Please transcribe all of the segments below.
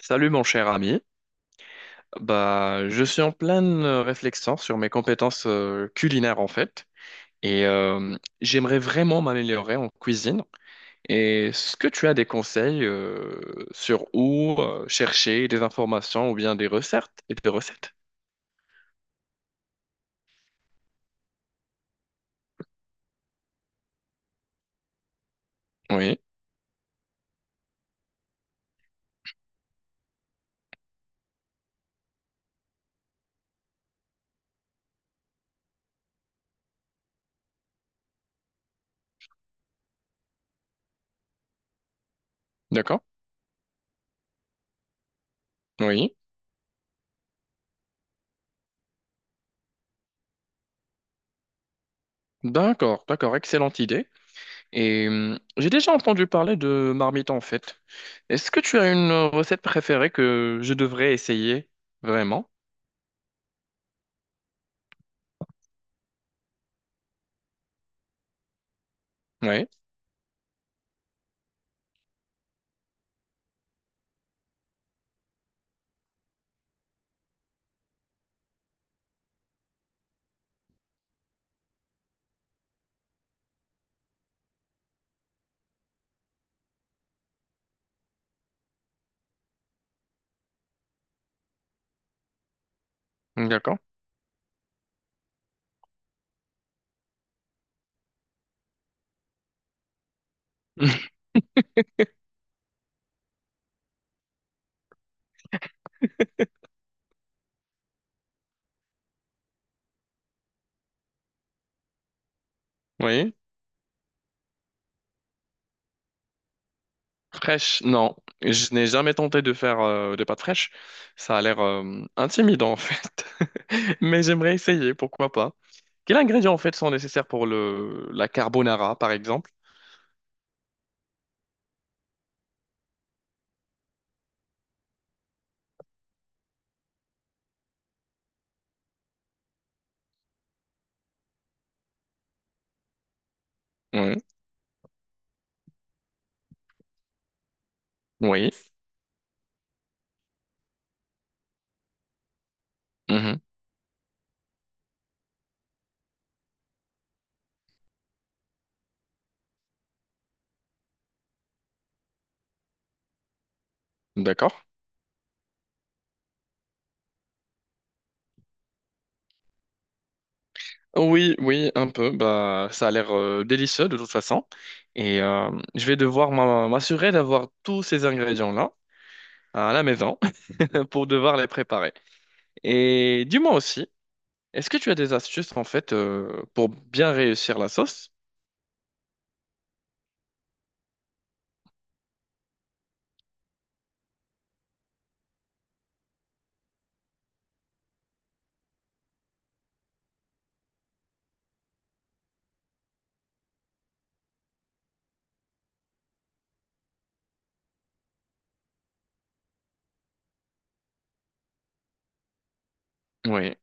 Salut mon cher ami. Je suis en pleine réflexion sur mes compétences culinaires en fait et j'aimerais vraiment m'améliorer en cuisine. Et Est-ce que tu as des conseils sur où chercher des informations ou bien des recettes et des recettes? Oui, d'accord. Oui. D'accord, d'accord, excellente idée. Et j'ai déjà entendu parler de marmite en fait. Est-ce que tu as une recette préférée que je devrais essayer vraiment? Oui, d'accord. Oui. Fraîche, non. Je n'ai jamais tenté de faire des pâtes fraîches. Ça a l'air intimidant, en fait. Mais j'aimerais essayer, pourquoi pas. Quels ingrédients, en fait, sont nécessaires pour la carbonara, par exemple? Oui. Oui. Mhm. D'accord. Oui, oui, un peu. Bah, ça a l'air délicieux, de toute façon. Et je vais devoir m'assurer d'avoir tous ces ingrédients-là à la maison pour devoir les préparer. Et dis-moi aussi. Est-ce que tu as des astuces en fait pour bien réussir la sauce? Oui.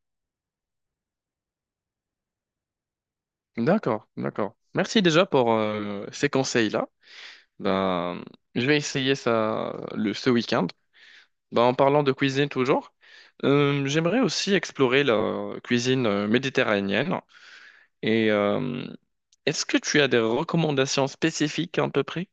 D'accord, d'accord. Merci déjà pour ces conseils-là. Ben, je vais essayer ça ce week-end. Ben, en parlant de cuisine toujours, j'aimerais aussi explorer la cuisine méditerranéenne. Et est-ce que tu as des recommandations spécifiques à peu près?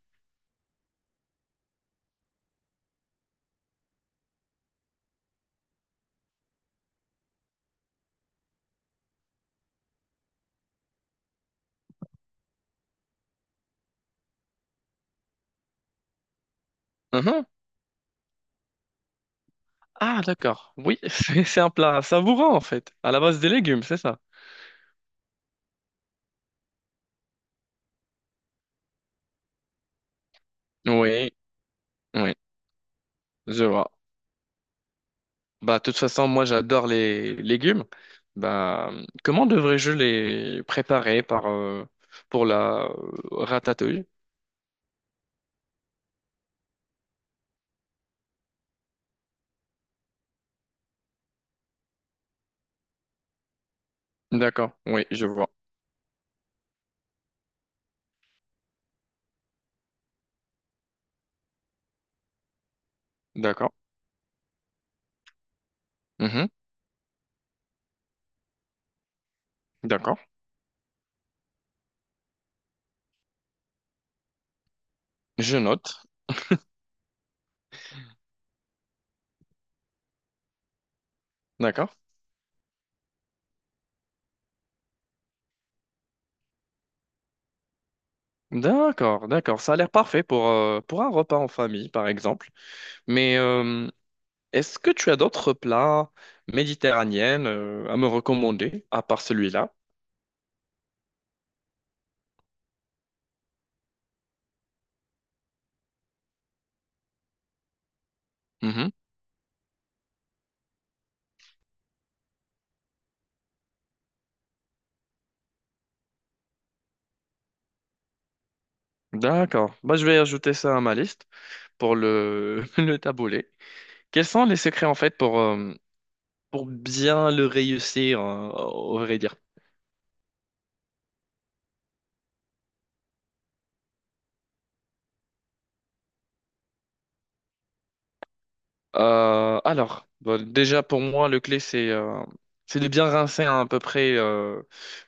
Mhm. Ah, d'accord. Oui, c'est un plat savourant en fait, à la base des légumes, c'est ça? Oui, oui, je vois. Bah, de toute façon, moi, j'adore les légumes. Bah, comment devrais-je les préparer pour la ratatouille? D'accord, oui, je vois. D'accord. Mhm. D'accord. Je note. D'accord. D'accord, d'accord. Ça a l'air parfait pour un repas en famille, par exemple. Mais est-ce que tu as d'autres plats méditerranéens à me recommander, à part celui-là? Mhm. D'accord. Bah, je vais ajouter ça à ma liste pour le taboulé. Quels sont les secrets en fait pour bien le réussir, au vrai dire? Alors, bon, déjà pour moi, le clé c'est de bien rincer à peu près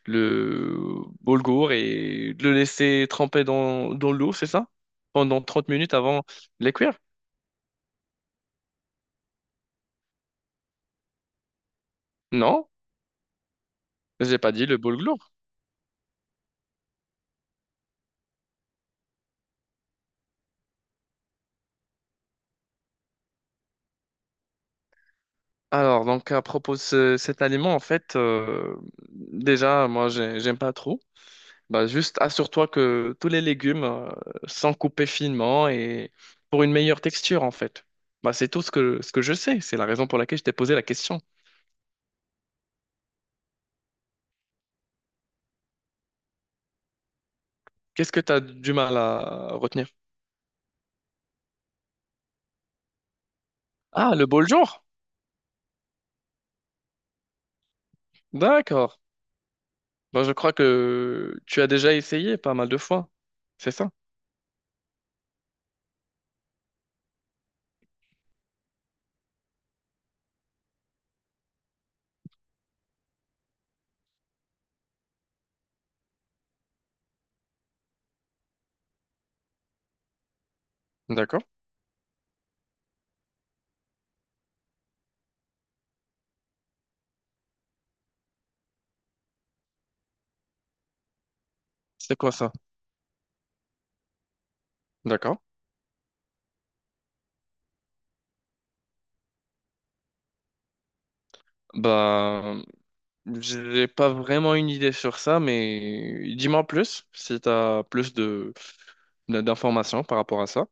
le boulgour et de le laisser tremper dans l'eau, c'est ça? Pendant 30 minutes avant de les cuire? Non, j'ai pas dit le boulgour. Alors, donc à propos de cet aliment, en fait, déjà, j'aime pas trop. Bah, juste assure-toi que tous les légumes sont coupés finement et pour une meilleure texture en fait. Bah, c'est tout ce que je sais. C'est la raison pour laquelle je t'ai posé la question. Qu'est-ce que tu as du mal à retenir? Ah, le bol jour. D'accord. Bon, je crois que tu as déjà essayé pas mal de fois. C'est ça? D'accord. C'est quoi ça? D'accord. Bah, j'ai pas vraiment une idée sur ça, mais dis-moi plus si tu as plus de d'informations par rapport à ça.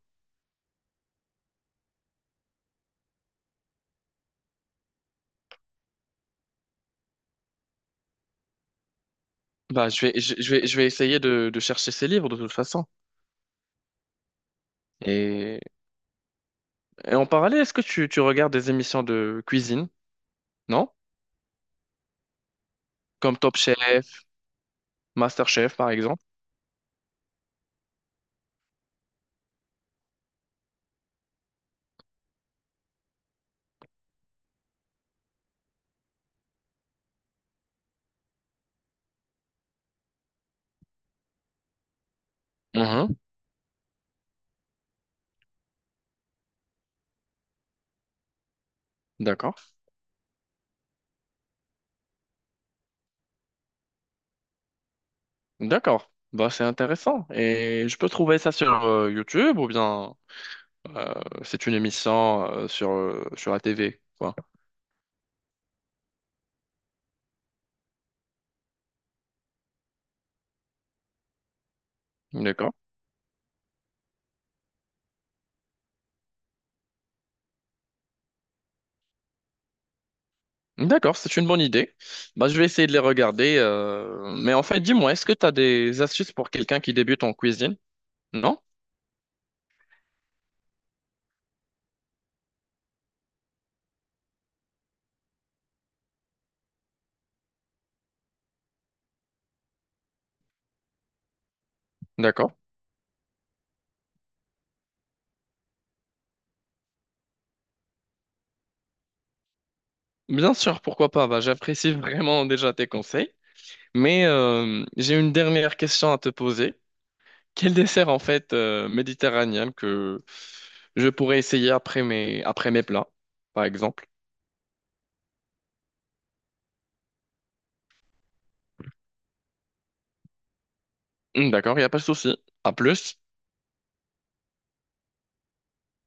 Bah, je vais essayer de chercher ces livres de toute façon. Et, et en parallèle, est-ce que tu regardes des émissions de cuisine, non? Comme Top Chef, Master Chef, par exemple. Mhm. D'accord. D'accord. Bah, c'est intéressant. Et je peux trouver ça sur YouTube ou bien euh, c'est une émission sur la TV, quoi. D'accord. D'accord, c'est une bonne idée. Bah, je vais essayer de les regarder. Mais en fait, dis-moi, est-ce que tu as des astuces pour quelqu'un qui débute en cuisine? Non? D'accord. Bien sûr, pourquoi pas. Bah, j'apprécie vraiment déjà tes conseils. Mais j'ai une dernière question à te poser. Quel dessert en fait méditerranéen que je pourrais essayer après mes plats, par exemple? D'accord, il n'y a pas de souci. À plus.